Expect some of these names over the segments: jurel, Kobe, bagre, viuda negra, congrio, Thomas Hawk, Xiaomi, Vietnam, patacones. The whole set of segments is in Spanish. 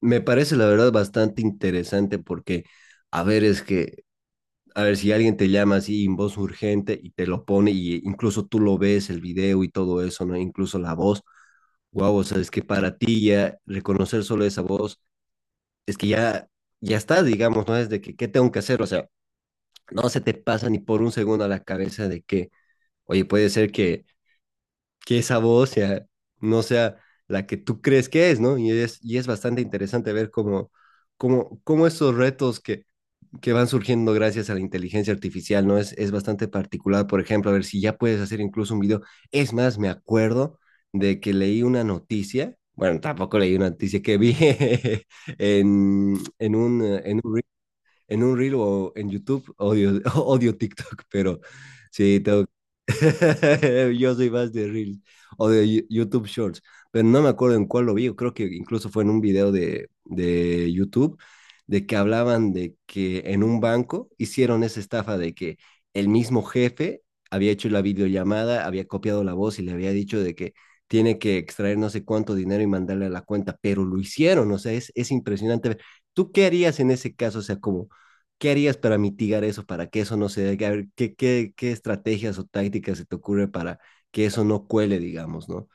Me parece la verdad bastante interesante porque, a ver, es que, a ver, si alguien te llama así en voz urgente y te lo pone y incluso tú lo ves, el video y todo eso, ¿no? Incluso la voz, wow, o sea, es que para ti ya reconocer solo esa voz, es que ya, ya está, digamos, ¿no? Es de que, ¿qué tengo que hacer? O sea, no se te pasa ni por un segundo a la cabeza de que, oye, puede ser que esa voz sea, no sea la que tú crees que es, ¿no? Y es bastante interesante ver cómo, cómo, cómo esos retos que van surgiendo gracias a la inteligencia artificial, ¿no? Es bastante particular, por ejemplo, a ver si ya puedes hacer incluso un video. Es más, me acuerdo de que leí una noticia, bueno, tampoco leí una noticia que vi en, en un, en, un- en un reel o en YouTube, odio, odio TikTok, pero sí, tengo Yo soy más de Reels o de YouTube Shorts, pero no me acuerdo en cuál lo vi. Yo creo que incluso fue en un video de YouTube de que hablaban de que en un banco hicieron esa estafa de que el mismo jefe había hecho la videollamada, había copiado la voz y le había dicho de que tiene que extraer no sé cuánto dinero y mandarle a la cuenta, pero lo hicieron, o sea, es impresionante. ¿Tú qué harías en ese caso? O sea, como ¿qué harías para mitigar eso, para que eso no se dé? A ver, ¿qué, qué, qué estrategias o tácticas se te ocurre para que eso no cuele, digamos, ¿no?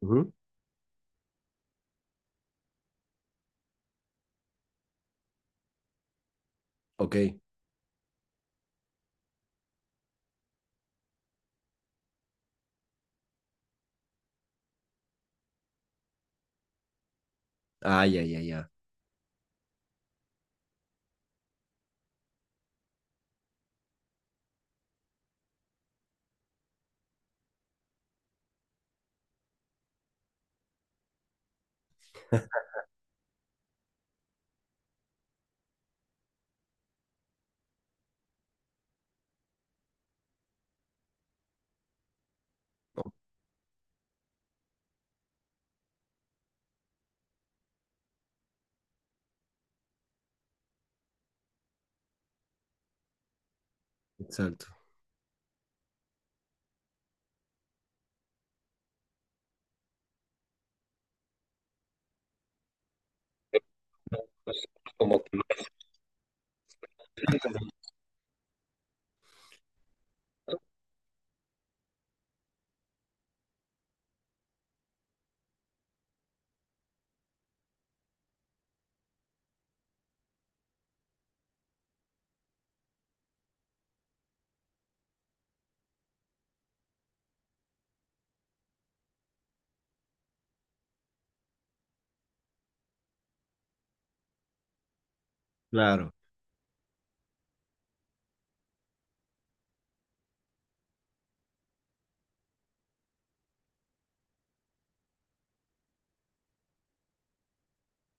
Ujú. Ok. Ah, ya, ya, ya. Oh. Exacto. Como. Claro.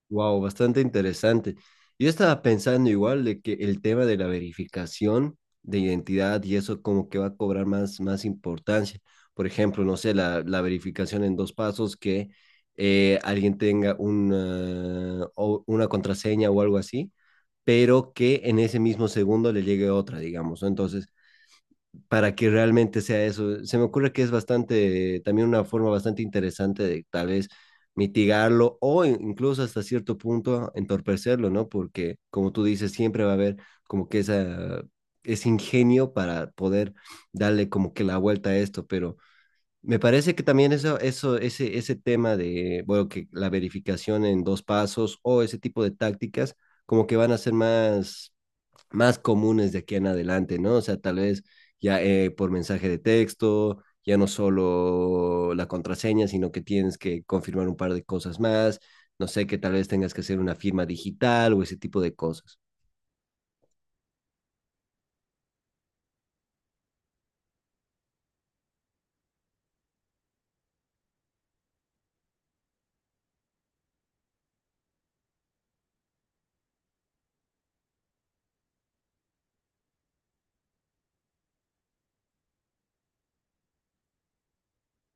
Wow, bastante interesante. Yo estaba pensando igual de que el tema de la verificación de identidad y eso como que va a cobrar más, más importancia. Por ejemplo, no sé, la verificación en dos pasos, que alguien tenga una, una contraseña o algo así, pero que en ese mismo segundo le llegue otra, digamos, ¿no? Entonces, para que realmente sea eso, se me ocurre que es bastante, también una forma bastante interesante de tal vez mitigarlo o incluso hasta cierto punto entorpecerlo, ¿no? Porque, como tú dices, siempre va a haber como que esa, ese ingenio para poder darle como que la vuelta a esto, pero me parece que también eso, ese tema de, bueno, que la verificación en dos pasos o ese tipo de tácticas, como que van a ser más más comunes de aquí en adelante, ¿no? O sea, tal vez ya por mensaje de texto, ya no solo la contraseña, sino que tienes que confirmar un par de cosas más, no sé, que tal vez tengas que hacer una firma digital o ese tipo de cosas.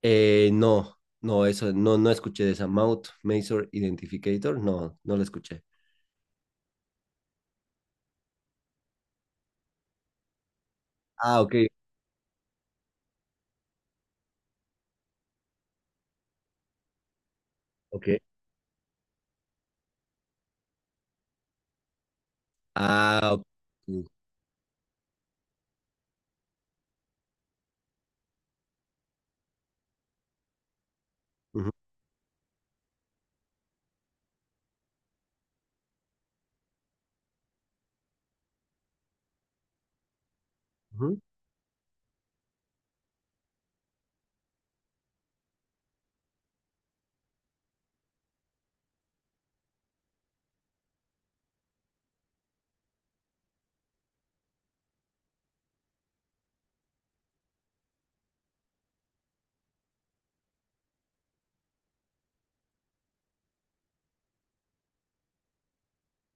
No, no, eso, no, no escuché de esa Mouth Masor Identificator, no, no la escuché. Ah, ok, ok. Ah, ok. Ujú, ujú.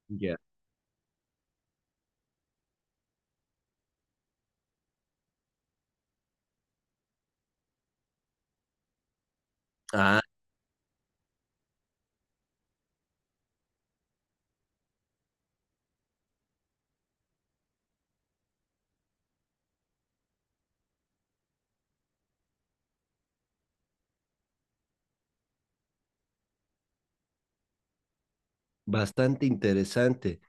Ya. Ah. Bastante interesante.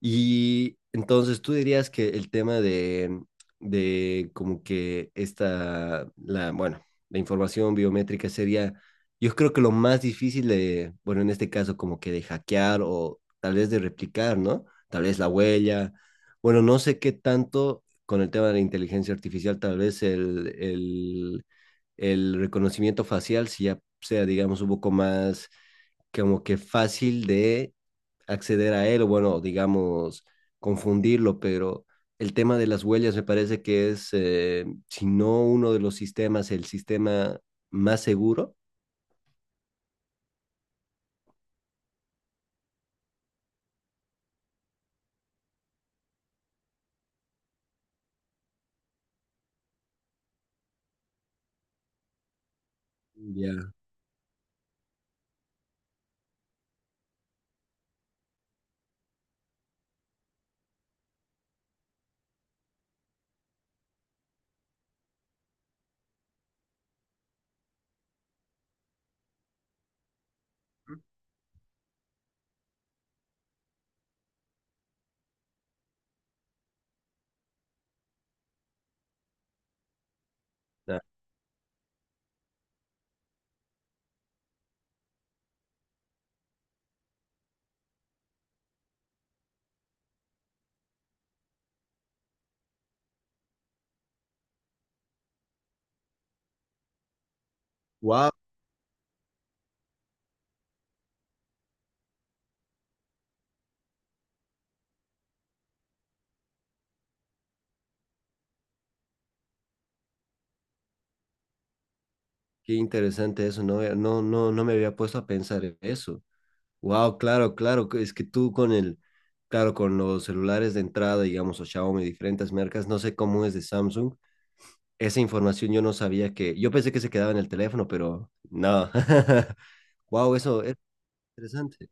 Y entonces tú dirías que el tema de como que esta, la, bueno, la información biométrica sería, yo creo que lo más difícil de, bueno, en este caso como que de hackear o tal vez de replicar, ¿no? Tal vez la huella. Bueno, no sé qué tanto con el tema de la inteligencia artificial, tal vez el reconocimiento facial, si ya sea, digamos, un poco más como que fácil de acceder a él, o bueno, digamos, confundirlo, pero el tema de las huellas me parece que es, si no uno de los sistemas, el sistema más seguro. Ya. Ah. Wow, qué interesante eso, no, no, no, no me había puesto a pensar en eso. Wow, claro, claro, que es que tú con el, claro, con los celulares de entrada, digamos, o Xiaomi, diferentes marcas, no sé cómo es de Samsung, esa información yo no sabía que, yo pensé que se quedaba en el teléfono, pero no. Wow, eso. Interesante.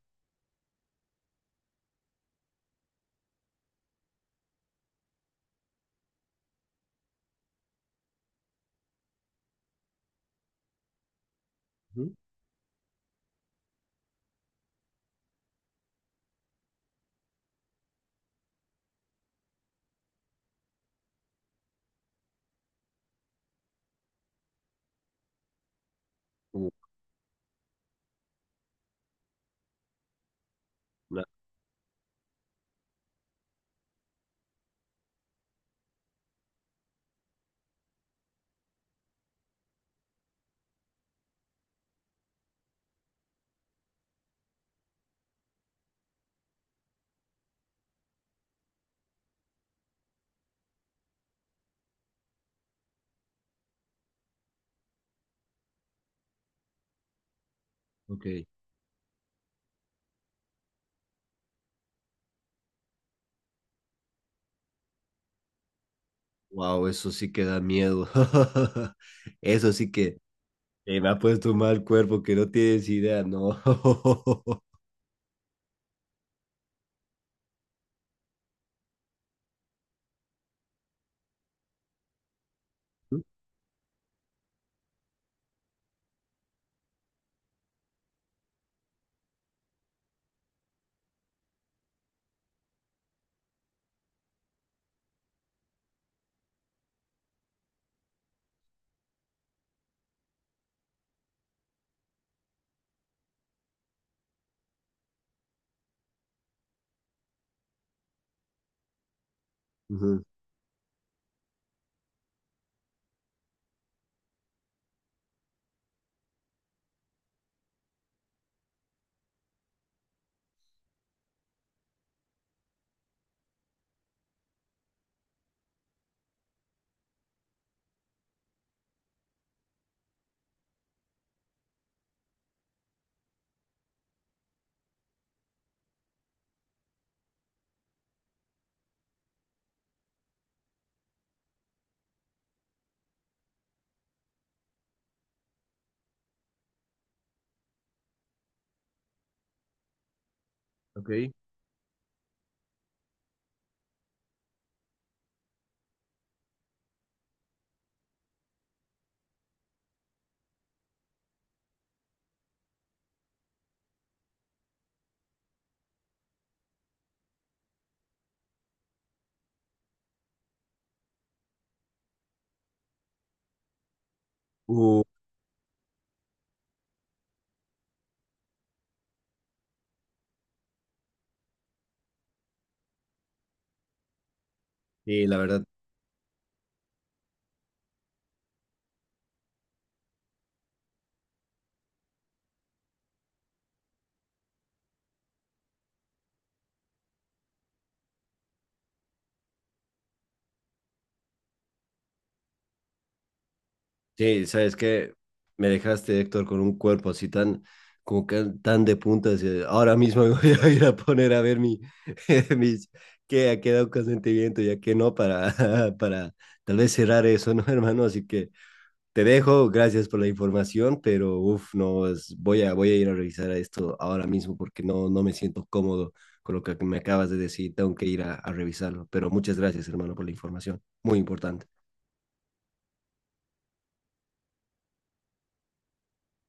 Ujú. Uh, la- ok. Wow, eso sí que da miedo. Eso sí que me ha puesto mal cuerpo que no tienes idea, ¿no? Ujú. Ok. Uh, sí, la verdad. Sí, sabes que me dejaste, Héctor, con un cuerpo así tan, como que tan de puntas. Ahora mismo me voy a ir a poner a ver mi, mis, qué ha quedado consentimiento y a qué no para, para tal vez cerrar eso, ¿no, hermano? Así que. Te dejo, gracias por la información, pero uf, no, voy a, voy a ir a revisar esto ahora mismo porque no, no me siento cómodo con lo que me acabas de decir, tengo que ir a revisarlo, pero muchas gracias, hermano, por la información, muy importante.